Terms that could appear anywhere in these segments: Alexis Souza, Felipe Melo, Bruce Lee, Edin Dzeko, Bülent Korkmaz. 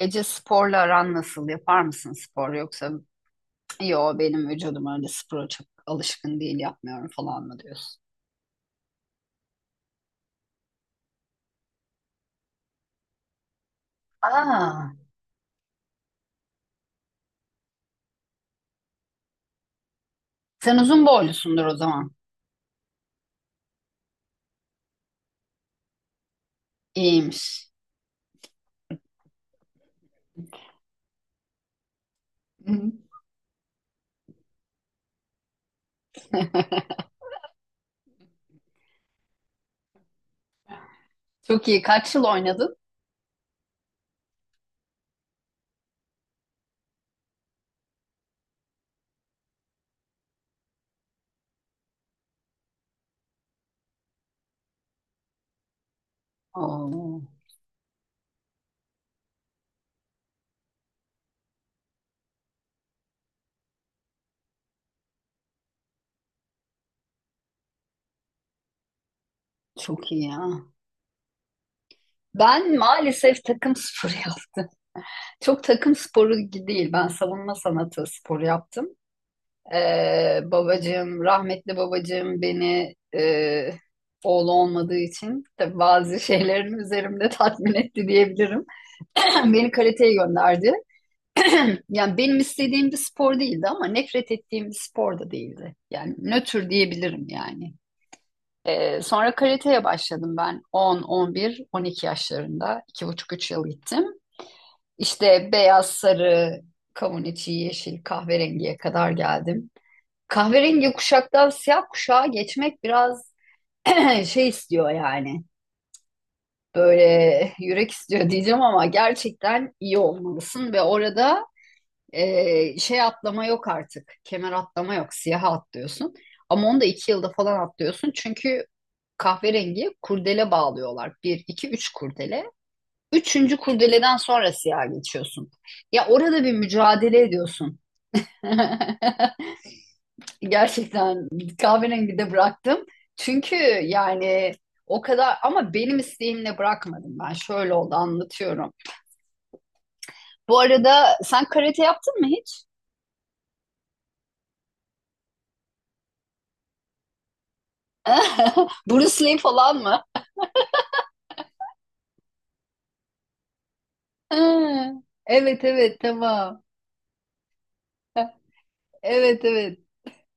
Ece sporla aran nasıl? Yapar mısın spor, yoksa yo benim vücudum öyle spora çok alışkın değil yapmıyorum falan mı diyorsun? Aa, sen uzun boylusundur o zaman. İyiymiş. Hı hı. Çok iyi. Kaç yıl oynadın? Oo, çok iyi ya. Ben maalesef takım sporu yaptım. Çok takım sporu değil. Ben savunma sanatı sporu yaptım. Babacığım, rahmetli babacığım beni oğlu olmadığı için tabii bazı şeylerin üzerimde tatmin etti diyebilirim. Beni karateye gönderdi. Yani benim istediğim bir spor değildi ama nefret ettiğim bir spor da değildi. Yani nötr diyebilirim yani. Sonra karateye başladım ben 10, 11, 12 yaşlarında. 2,5-3 yıl gittim. İşte beyaz, sarı, kavun içi, yeşil, kahverengiye kadar geldim. Kahverengi kuşaktan siyah kuşağa geçmek biraz şey istiyor yani. Böyle yürek istiyor diyeceğim ama gerçekten iyi olmalısın ve orada şey atlama yok artık. Kemer atlama yok. Siyaha atlıyorsun. Ama onu da 2 yılda falan atlıyorsun. Çünkü kahverengi kurdele bağlıyorlar. Bir, iki, üç kurdele. Üçüncü kurdeleden sonra siyaha geçiyorsun. Ya orada bir mücadele ediyorsun. Gerçekten kahverengi de bıraktım. Çünkü yani o kadar, ama benim isteğimle bırakmadım ben. Şöyle oldu, anlatıyorum. Bu arada sen karate yaptın mı hiç? Bruce Lee falan mı? Ha, evet evet, tamam. Evet evet.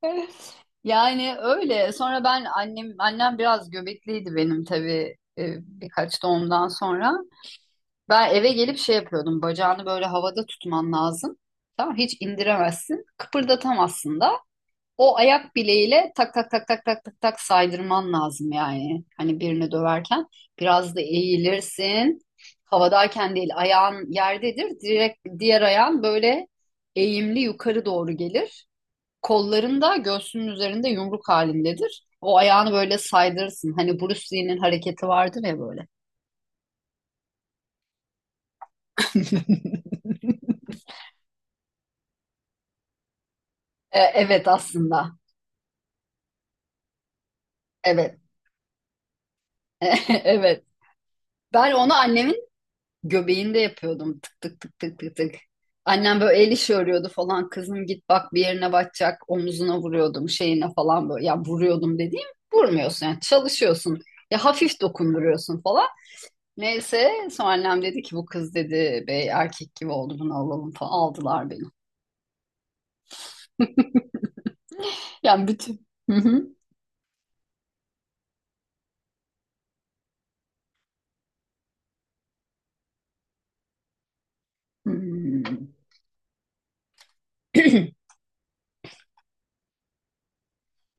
Yani öyle. Sonra ben annem biraz göbekliydi benim tabii, birkaç doğumdan sonra. Ben eve gelip şey yapıyordum. Bacağını böyle havada tutman lazım. Tamam, hiç indiremezsin. Kıpırdatamazsın da. O ayak bileğiyle tak tak tak tak tak tak tak saydırman lazım yani. Hani birini döverken biraz da eğilirsin. Havadayken değil, ayağın yerdedir. Direkt diğer ayağın böyle eğimli yukarı doğru gelir. Kolların da göğsünün üzerinde yumruk halindedir. O ayağını böyle saydırırsın. Hani Bruce Lee'nin hareketi vardır ya böyle. Evet aslında. Evet. Evet. Ben onu annemin göbeğinde yapıyordum. Tık tık tık tık tık tık. Annem böyle el işi örüyordu falan. Kızım git bak bir yerine batacak. Omuzuna vuruyordum, şeyine falan böyle. Ya, vuruyordum dediğim, vurmuyorsun yani, çalışıyorsun. Ya hafif dokunduruyorsun falan. Neyse, sonra annem dedi ki bu kız dedi bey erkek gibi oldu bunu alalım falan. Aldılar beni. Yani bütün... Hı hı. Hmm.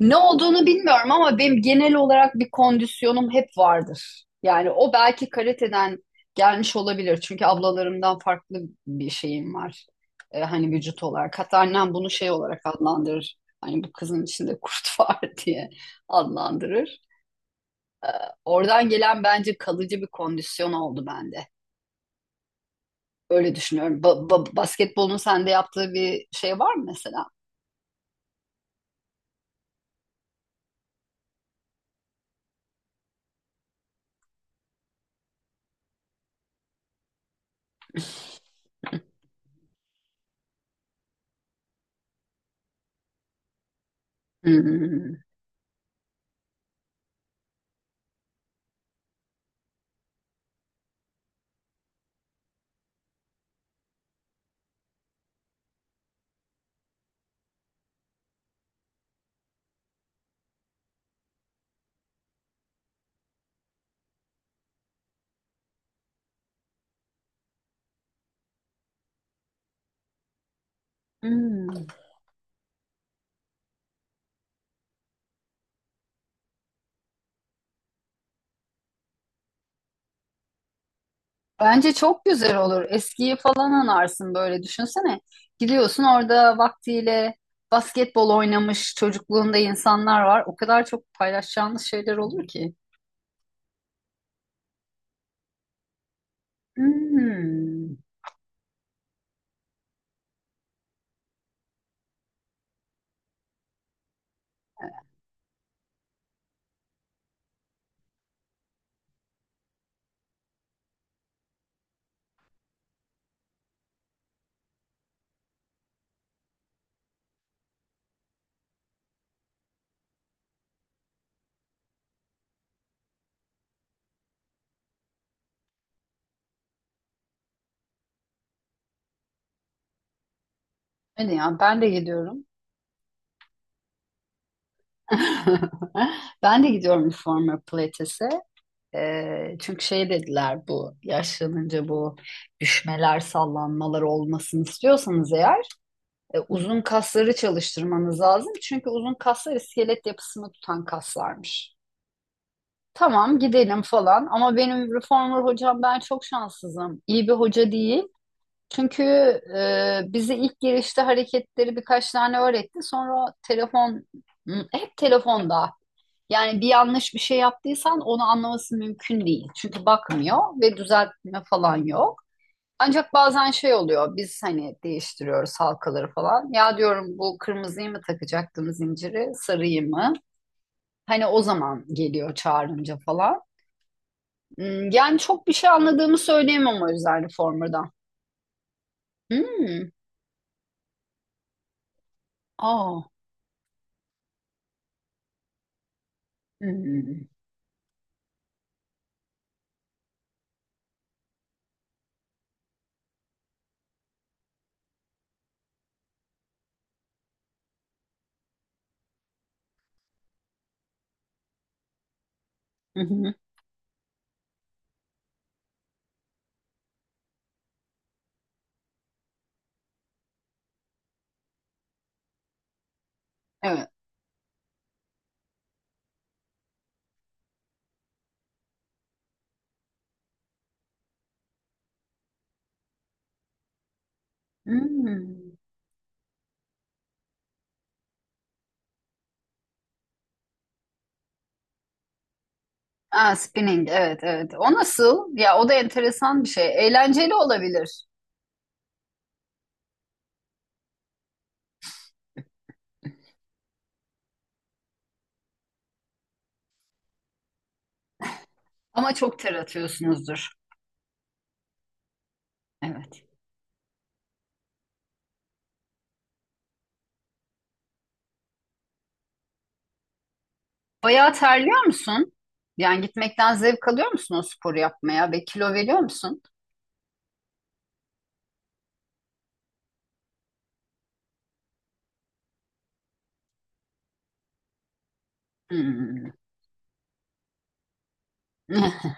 Ne olduğunu bilmiyorum ama benim genel olarak bir kondisyonum hep vardır. Yani o belki karateden gelmiş olabilir. Çünkü ablalarımdan farklı bir şeyim var. Hani vücut olarak. Hatta annem bunu şey olarak adlandırır. Hani bu kızın içinde kurt var diye adlandırır. Oradan gelen bence kalıcı bir kondisyon oldu bende. Öyle düşünüyorum. Basketbolun sende yaptığı bir şey var mı mesela? Hmm. Hmm. Bence çok güzel olur. Eskiyi falan anarsın böyle, düşünsene. Gidiyorsun, orada vaktiyle basketbol oynamış çocukluğunda insanlar var. O kadar çok paylaşacağınız şeyler olur ki. Hmm. Hadi ya, ben de gidiyorum. Ben de gidiyorum Reformer Pilates'e. Çünkü şey dediler, bu yaşlanınca bu düşmeler sallanmalar olmasını istiyorsanız eğer uzun kasları çalıştırmanız lazım. Çünkü uzun kaslar iskelet yapısını tutan kaslarmış. Tamam gidelim falan ama benim reformer hocam, ben çok şanssızım. İyi bir hoca değil. Çünkü bize ilk girişte hareketleri birkaç tane öğretti. Sonra telefon, hı, hep telefonda. Yani bir yanlış bir şey yaptıysan onu anlaması mümkün değil. Çünkü bakmıyor ve düzeltme falan yok. Ancak bazen şey oluyor, biz hani değiştiriyoruz halkaları falan. Ya diyorum bu kırmızıyı mı takacaktım zinciri, sarıyı mı? Hani o zaman geliyor çağırınca falan. Yani çok bir şey anladığımı söyleyemem o yüzden formadan. Hmm. Aa. Hmm. Hı hı. Evet. Hmm. Aa, spinning, evet evet. O nasıl? Ya o da enteresan bir şey. Eğlenceli olabilir. Ama çok ter atıyorsunuzdur. Evet. Bayağı terliyor musun? Yani gitmekten zevk alıyor musun o sporu yapmaya ve kilo veriyor musun? Hmm.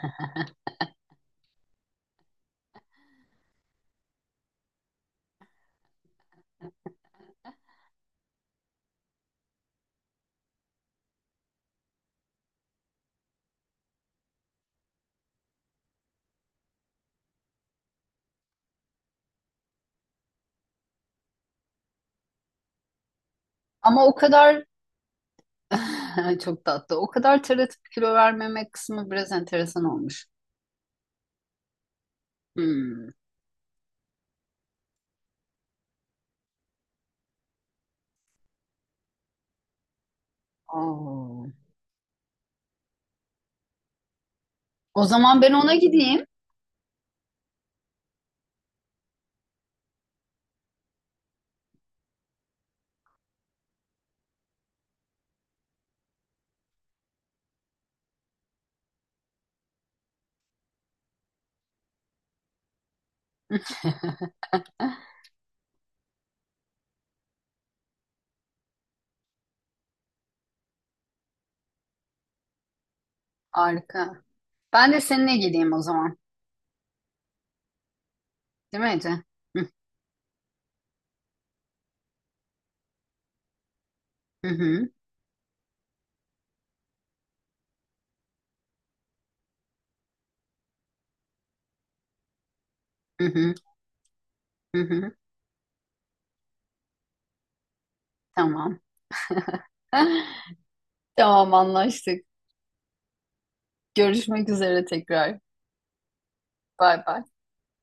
Ama o kadar çok tatlı. O kadar ter atıp kilo vermemek kısmı biraz enteresan olmuş. Hmm. Oo. O zaman ben ona gideyim. Harika. Ben de seninle geleyim o zaman. Değil mi Ece? Hı hı hı hı hı. Hı. Tamam. Tamam anlaştık. Görüşmek üzere tekrar. Bay bay.